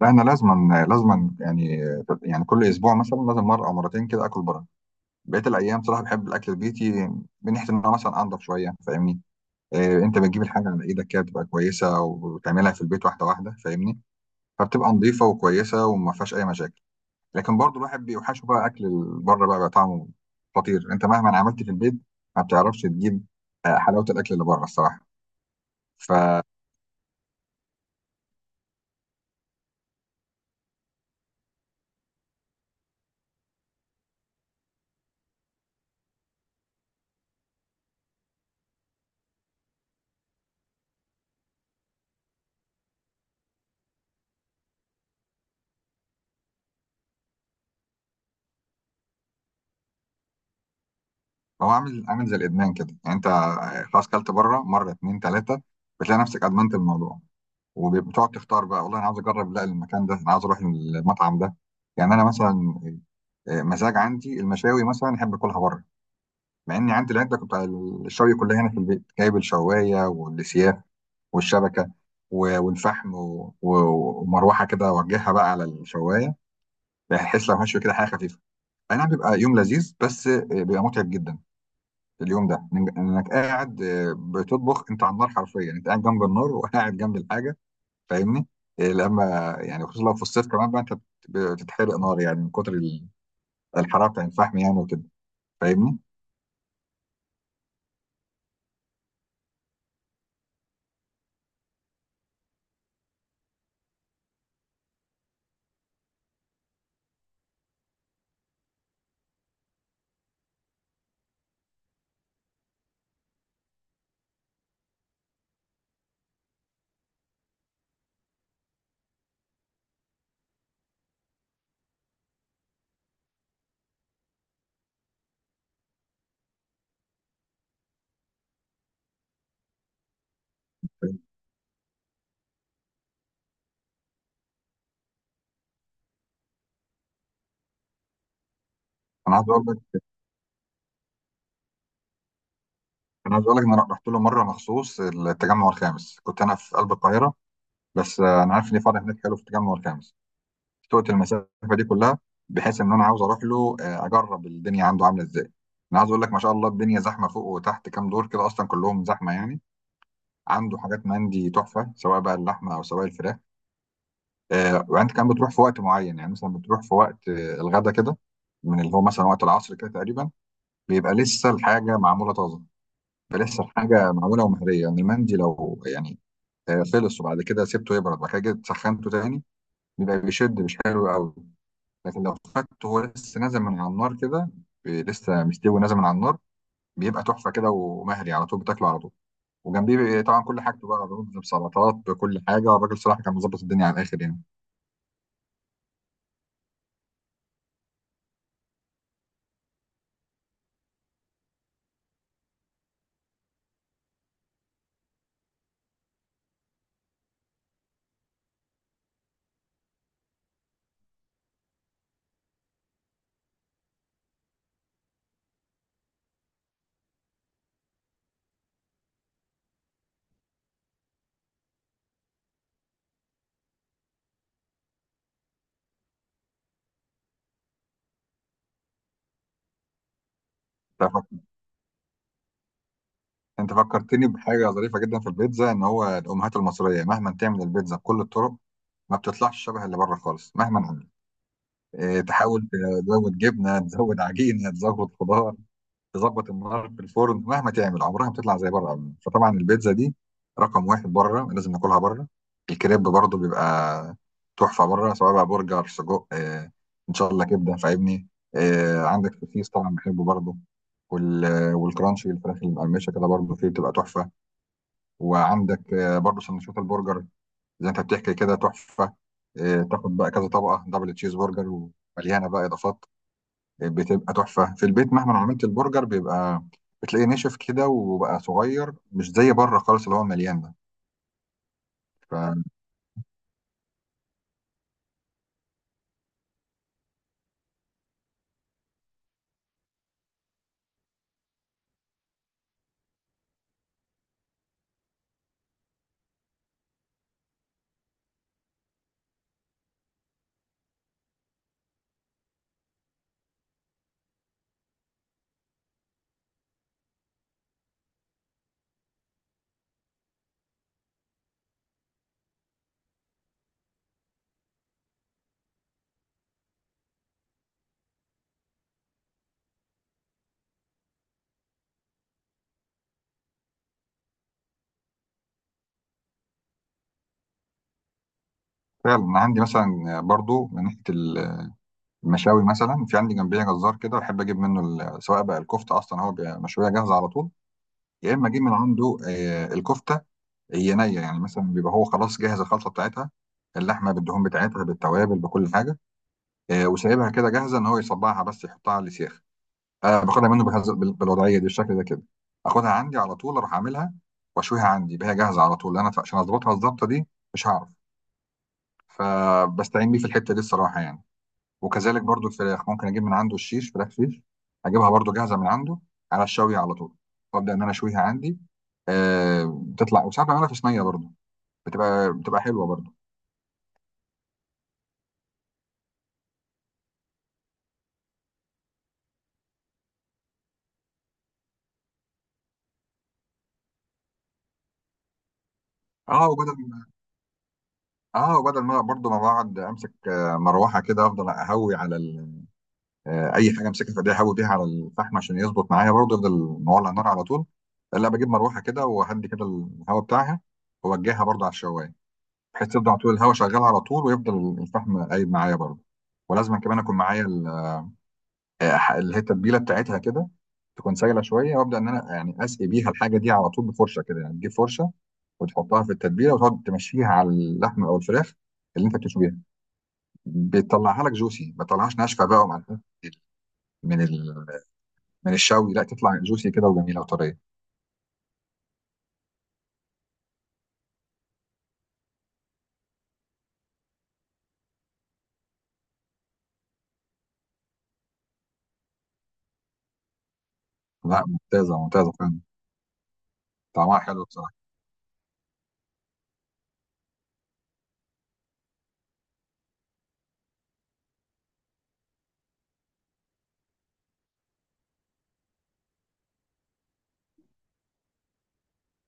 لا انا لازما يعني، كل اسبوع مثلا لازم مره او مرتين كده اكل بره. بقيه الايام صراحه بحب الاكل البيتي، من ناحيه ان انا مثلا انضف شويه. فاهمني؟ إيه، انت بتجيب الحاجه على ايدك كده بتبقى كويسه وتعملها في البيت واحده واحده. فاهمني؟ فبتبقى نظيفه وكويسه وما فيهاش اي مشاكل. لكن برضو الواحد بيوحشه بقى اكل بره، بقى طعمه خطير. انت مهما عملت في البيت ما بتعرفش تجيب حلاوه الاكل اللي بره الصراحه. هو عامل زي الادمان كده. يعني انت خلاص كلت بره مره اتنين تلاته بتلاقي نفسك ادمنت الموضوع، وبتقعد تختار بقى. والله انا عاوز اجرب، لا المكان ده انا عاوز اروح المطعم ده. يعني انا مثلا مزاج عندي المشاوي مثلا احب اكلها بره، مع اني عندي العده بتاع الشوي كلها هنا في البيت، جايب الشوايه والسياخ والشبكه والفحم ومروحه كده اوجهها بقى على الشوايه، بحيث لو هشوي كده حاجه خفيفه. اي نعم بيبقى يوم لذيذ، بس بيبقى متعب جدا اليوم ده. انك قاعد بتطبخ انت على النار، حرفيا انت قاعد جنب النار وقاعد جنب الحاجه. فاهمني؟ لما يعني خصوصا لو في الصيف كمان بقى انت بتتحرق نار، يعني من كتر الحراره بتاع الفحم يعني وكده. فاهمني؟ انا عايز اقول لك انا عايز اقول لك ان انا رحت له مره مخصوص التجمع الخامس، كنت انا في قلب القاهره، بس انا عارف ان فرع هناك حلو في التجمع الخامس، سوقت المسافه دي كلها بحيث ان انا عاوز اروح له اجرب الدنيا عنده عامله ازاي. انا عايز اقول لك ما شاء الله الدنيا زحمه فوق وتحت، كام دور كده اصلا كلهم زحمه يعني. عنده حاجات مندي تحفه سواء بقى اللحمه او سواء الفراخ. وانت كمان بتروح في وقت معين، يعني مثلا بتروح في وقت الغدا كده، من اللي هو مثلا وقت العصر كده تقريبا، بيبقى لسه الحاجه معموله طازه. بيبقى لسه الحاجه معموله ومهريه، يعني المندي لو يعني خلص وبعد كده سبته يبرد وبعد كده جيت سخنته تاني بيبقى بيشد، مش حلو قوي. لكن لو فته هو لسه نازل من على النار كده، لسه مستوي نازل من على النار، بيبقى تحفه كده ومهري على طول، بتاكله على طول. وجنبيه طبعا كل حاجته بقى، رز بسلطات بكل حاجه. الراجل صراحه كان مظبط الدنيا على الاخر يعني. انت فك- أنت فكرتني بحاجه ظريفه جدا في البيتزا، ان هو الامهات المصريه مهما تعمل البيتزا بكل الطرق ما بتطلعش شبه اللي بره خالص مهما عملت. إيه، تحاول تزود جبنه تزود عجينه تزود خضار، تظبط النار في الفرن، مهما تعمل عمرها ما بتطلع زي بره ابدا. فطبعا البيتزا دي رقم واحد بره، لازم ناكلها بره. الكريب برضو بيبقى تحفه بره. سواء بقى برجر، سجق، ان شاء الله كبده. فاهمني؟ عندك سوسيس طبعا بحبه برضو. وال والكرانشي الفراخ المقرمشه كده برضو فيه بتبقى تحفه. وعندك برضو سندوتشات البرجر زي انت بتحكي كده تحفه. تاخد بقى كذا طبقه دبل تشيز برجر ومليانه بقى اضافات، بتبقى تحفة. في البيت مهما عملت البرجر بيبقى بتلاقيه نشف كده وبقى صغير، مش زي بره خالص اللي هو مليان ده. ففعلا انا عندي مثلا برضو من ناحية المشاوي مثلا، في عندي جنبية جزار كده بحب اجيب منه سواء بقى الكفتة، اصلا هو بيبقى مشوية جاهزة على طول، يا اما اجيب من عنده الكفتة هي نية. يعني مثلا بيبقى هو خلاص جاهز الخلطة بتاعتها، اللحمة بالدهون بتاعتها بالتوابل بكل حاجة، وسايبها كده جاهزة، ان هو يصبعها بس يحطها على السيخ. انا باخدها منه بهذا بالوضعيه دي بالشكل ده كده، اخدها عندي على طول، اروح اعملها واشويها عندي بها جاهزه على طول، انا عشان اظبطها الظبطه دي مش هعرف. فبستعين بيه في الحته دي الصراحه يعني. وكذلك برضو الفراخ ممكن اجيب من عنده الشيش فراخ شيش، اجيبها برضو جاهزه من عنده على الشوي على طول، وابدا ان انا اشويها عندي. بتطلع، وساعات بعملها في صينيه برضو، بتبقى حلوه برضو. اه وبدل اه وبدل ما برضو ما بقعد امسك مروحه كده، افضل اهوي على ال اي حاجه، امسكها في ايديا احاول بيها على الفحم عشان يظبط معايا برضه، يفضل مولع النار على طول. لا، بجيب مروحه كده وهدي كده الهواء بتاعها واوجهها برضه على الشوايه، بحيث تفضل على طول الهواء شغال على طول ويفضل الفحم قايم معايا برضه. ولازم كمان اكون معايا اللي هي التتبيله بتاعتها كده، تكون سايله شويه، وابدا ان انا يعني اسقي بيها الحاجه دي على طول بفرشه كده. يعني تجيب فرشه وتحطها في التتبيله وتقعد تمشيها على اللحم او الفراخ اللي انت بتشويها، بتطلعها لك جوسي، ما تطلعهاش ناشفه بقى، ومع من من الشوي لا تطلع جوسي كده وجميله وطريه. لا، ممتازه ممتازه فعلا. طعمها حلو بصراحه.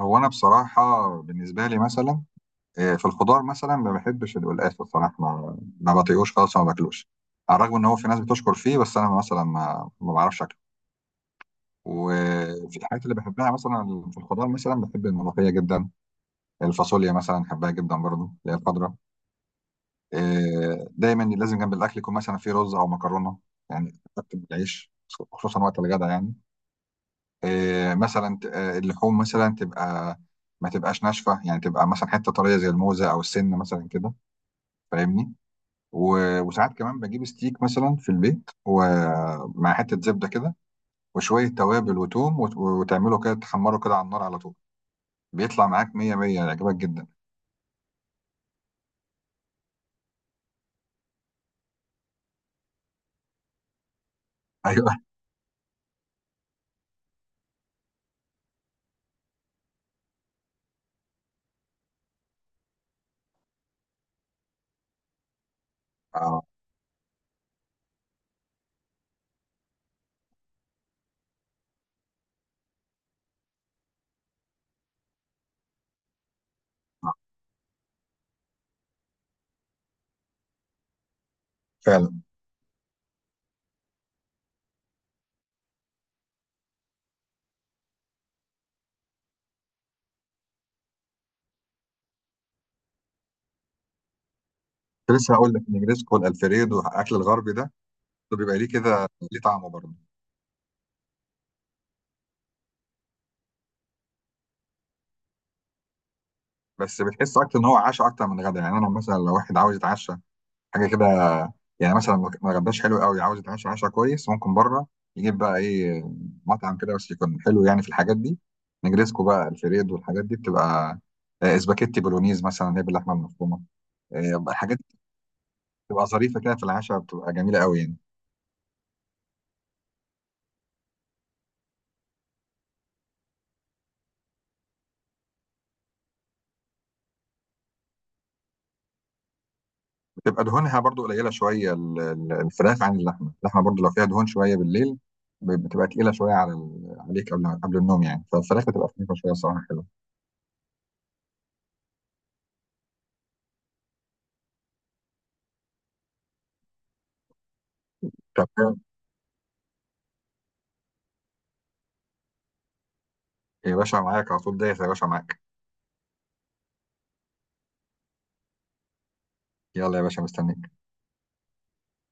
هو انا بصراحه بالنسبه لي مثلا في الخضار مثلا ما بحبش القلقاس بصراحه، ما بطيقوش خالص وما باكلوش. على الرغم ان هو في ناس بتشكر فيه، بس انا مثلا ما بعرفش اكله. وفي الحاجات اللي بحبها مثلا في الخضار، مثلا بحب الملوخيه جدا. الفاصوليا مثلا بحبها جدا برضو اللي هي الخضراء. دايما لازم جنب الاكل يكون مثلا في رز او مكرونه، يعني حتى بالعيش، خصوصا وقت الغدا يعني. مثلا اللحوم مثلا تبقى ما تبقاش ناشفه، يعني تبقى مثلا حته طريه زي الموزه او السن مثلا كده. فاهمني؟ وساعات كمان بجيب ستيك مثلا في البيت ومع حته زبده كده وشويه توابل وتوم وتعمله كده تحمره كده على النار على طول، بيطلع معاك 100 100، يعجبك جدا. ايوه، اه فعلا. كنت لسه هقول لك النجريسكو والالفريدو، الاكل الغربي ده، ده بيبقى ليه كده، ليه طعمه برضه. بس بتحس اكتر ان هو عشاء اكتر من غدا. يعني انا مثلا لو واحد عاوز يتعشى حاجه كده، يعني مثلا ما غداش حلو قوي، عاوز يتعشى عشاء كويس، ممكن بره يجيب بقى ايه، مطعم كده بس يكون حلو يعني في الحاجات دي. نجريسكو بقى، الفريد، والحاجات دي بتبقى اسباجيتي بولونيز مثلا اللي هي باللحمه المفرومه. الحاجات دي بتبقى ظريفه كده في العشاء، بتبقى جميله قوي يعني. بتبقى دهونها برضو قليله شويه الفراخ عن اللحمه. اللحمه برضو لو فيها دهون شويه بالليل بتبقى تقيله شويه عليك قبل النوم يعني. فالفراخ بتبقى خفيفه شويه صراحه، حلوه. طب يا باشا، معاك على طول، دايس يا باشا معاك. يلا يا باشا مستنيك.